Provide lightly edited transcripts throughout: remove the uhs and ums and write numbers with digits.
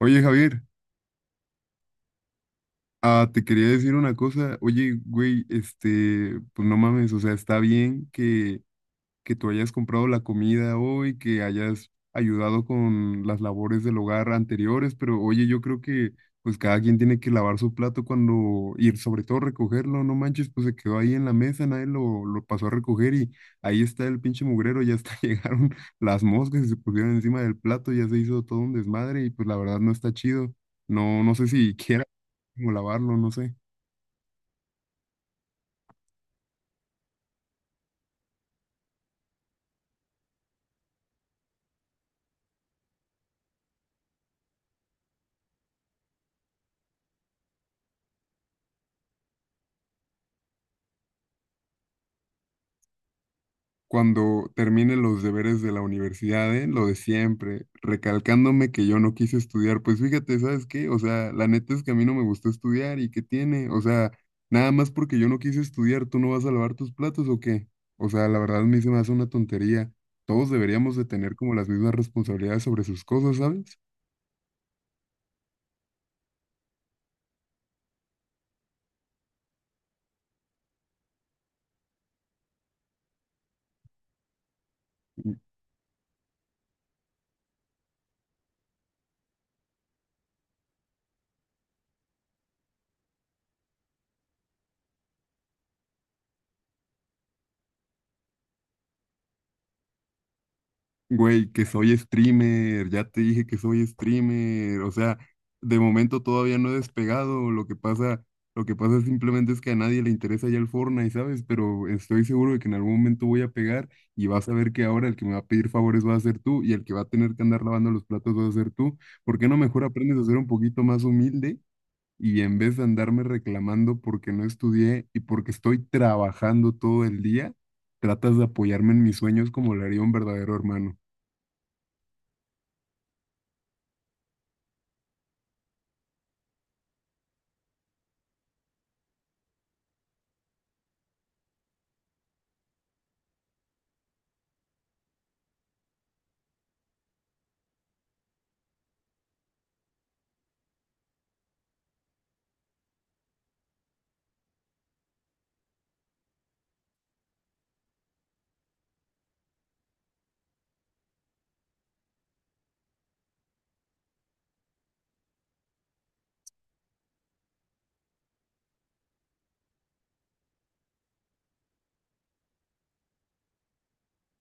Oye, Javier, ah, te quería decir una cosa. Oye, güey, pues no mames, o sea, está bien que tú hayas comprado la comida hoy, que hayas ayudado con las labores del hogar anteriores, pero oye, yo creo que pues cada quien tiene que lavar su plato cuando, y sobre todo recogerlo, no manches, pues se quedó ahí en la mesa, nadie lo pasó a recoger y ahí está el pinche mugrero, ya hasta llegaron las moscas y se pusieron encima del plato, ya se hizo todo un desmadre y pues la verdad no está chido. No, no sé si quieras como lavarlo, no sé. Cuando termine los deberes de la universidad, ¿eh? Lo de siempre, recalcándome que yo no quise estudiar, pues fíjate, ¿sabes qué? O sea, la neta es que a mí no me gustó estudiar y qué tiene, o sea, nada más porque yo no quise estudiar, ¿tú no vas a lavar tus platos o qué? O sea, la verdad a mí se me hace una tontería. Todos deberíamos de tener como las mismas responsabilidades sobre sus cosas, ¿sabes? Güey, que soy streamer, ya te dije que soy streamer, o sea, de momento todavía no he despegado, lo que pasa simplemente es que a nadie le interesa ya el Fortnite, ¿sabes? Pero estoy seguro de que en algún momento voy a pegar y vas a ver que ahora el que me va a pedir favores va a ser tú y el que va a tener que andar lavando los platos va a ser tú. ¿Por qué no mejor aprendes a ser un poquito más humilde y en vez de andarme reclamando porque no estudié y porque estoy trabajando todo el día, tratas de apoyarme en mis sueños como lo haría un verdadero hermano?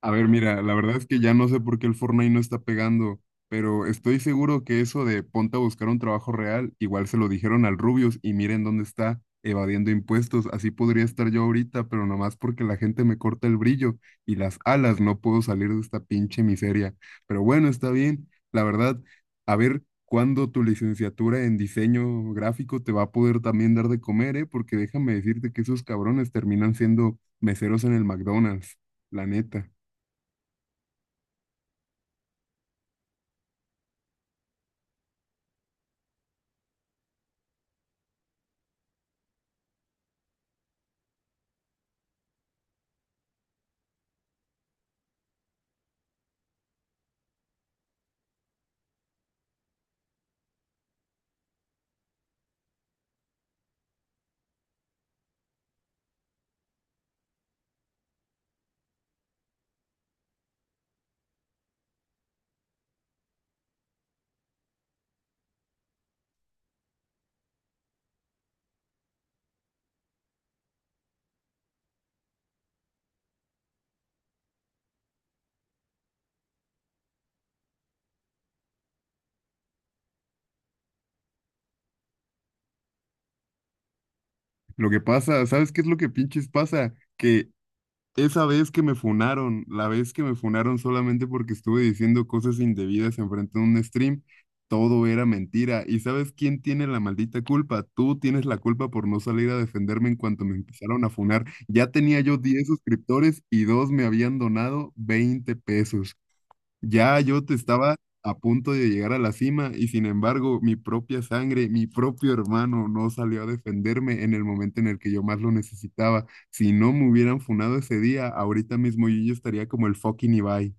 A ver, mira, la verdad es que ya no sé por qué el Fortnite no está pegando, pero estoy seguro que eso de ponte a buscar un trabajo real, igual se lo dijeron al Rubius y miren dónde está, evadiendo impuestos. Así podría estar yo ahorita, pero nomás porque la gente me corta el brillo y las alas, no puedo salir de esta pinche miseria. Pero bueno, está bien, la verdad, a ver cuándo tu licenciatura en diseño gráfico te va a poder también dar de comer, ¿eh? Porque déjame decirte que esos cabrones terminan siendo meseros en el McDonald's, la neta. Lo que pasa, ¿sabes qué es lo que pinches pasa? Que esa vez que me funaron, la vez que me funaron solamente porque estuve diciendo cosas indebidas enfrente de un stream, todo era mentira. ¿Y sabes quién tiene la maldita culpa? Tú tienes la culpa por no salir a defenderme en cuanto me empezaron a funar. Ya tenía yo 10 suscriptores y dos me habían donado 20 pesos. Ya yo te estaba a punto de llegar a la cima y sin embargo mi propia sangre, mi propio hermano no salió a defenderme en el momento en el que yo más lo necesitaba. Si no me hubieran funado ese día, ahorita mismo yo ya estaría como el fucking Ibai.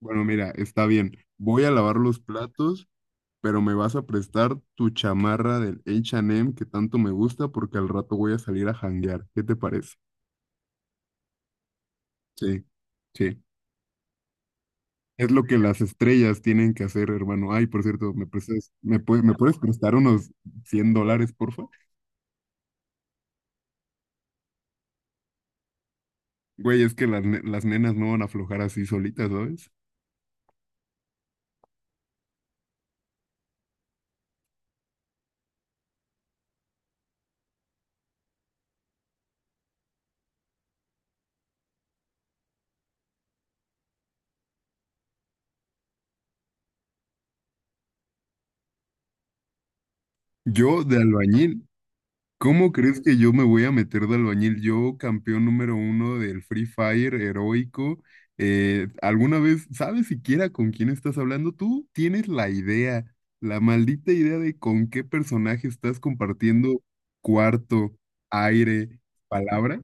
Bueno, mira, está bien. Voy a lavar los platos, pero me vas a prestar tu chamarra del H&M que tanto me gusta porque al rato voy a salir a janguear. ¿Qué te parece? Sí, sí. Es lo que las estrellas tienen que hacer, hermano. Ay, por cierto, ¿me puedes prestar unos 100 dólares, porfa? Güey, es que las nenas no van a aflojar así solitas, ¿sabes? Yo de albañil, ¿cómo crees que yo me voy a meter de albañil? Yo, campeón número uno del Free Fire, heroico. ¿Alguna vez sabes siquiera con quién estás hablando? Tú tienes la idea, la maldita idea de con qué personaje estás compartiendo cuarto, aire, palabra.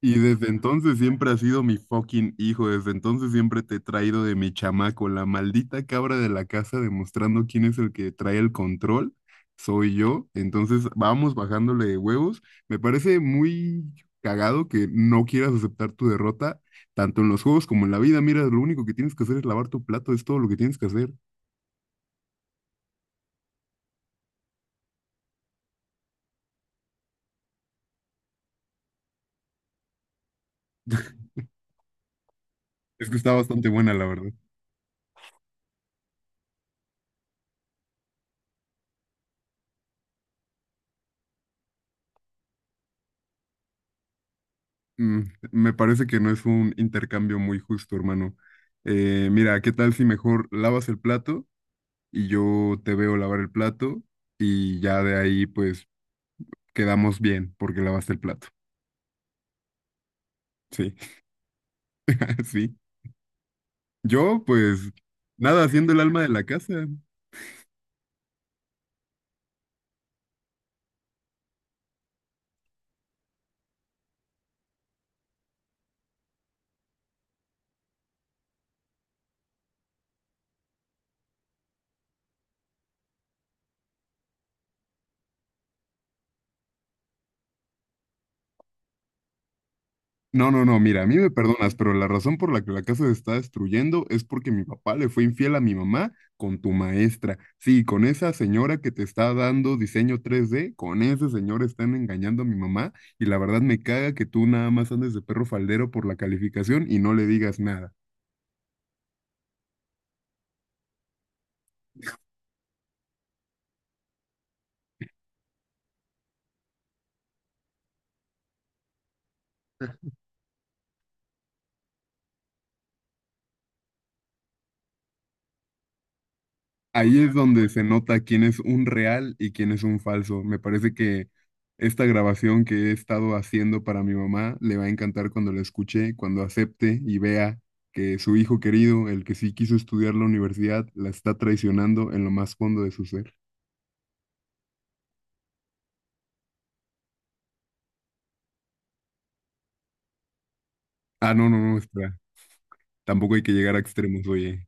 Y desde entonces siempre has sido mi fucking hijo, desde entonces siempre te he traído de mi chamaco, la maldita cabra de la casa demostrando quién es el que trae el control, soy yo, entonces vamos bajándole de huevos. Me parece muy cagado que no quieras aceptar tu derrota, tanto en los juegos como en la vida, mira, lo único que tienes que hacer es lavar tu plato, es todo lo que tienes que hacer. Es que está bastante buena, la verdad. Mm, Me parece que no es un intercambio muy justo, hermano. Mira, ¿qué tal si mejor lavas el plato? Y yo te veo lavar el plato y ya de ahí pues quedamos bien porque lavaste el plato. Sí, sí. Yo pues nada, haciendo el alma de la casa. No, no, no, mira, a mí me perdonas, pero la razón por la que la casa se está destruyendo es porque mi papá le fue infiel a mi mamá con tu maestra. Sí, con esa señora que te está dando diseño 3D con ese señor están engañando a mi mamá y la verdad me caga que tú nada más andes de perro faldero por la calificación y no le digas nada. Ahí es donde se nota quién es un real y quién es un falso. Me parece que esta grabación que he estado haciendo para mi mamá le va a encantar cuando la escuche, cuando acepte y vea que su hijo querido, el que sí quiso estudiar la universidad, la está traicionando en lo más fondo de su ser. Ah, no, no, no, espera. Tampoco hay que llegar a extremos, oye.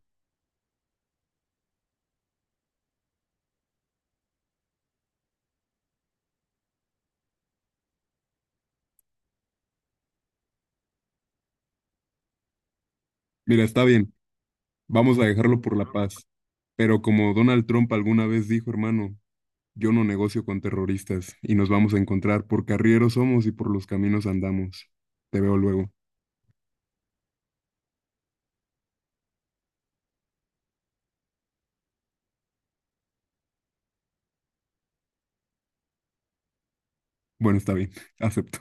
Mira, está bien, vamos a dejarlo por la paz. Pero como Donald Trump alguna vez dijo, hermano, yo no negocio con terroristas y nos vamos a encontrar por carrieros somos y por los caminos andamos. Te veo luego. Bueno, está bien, acepto.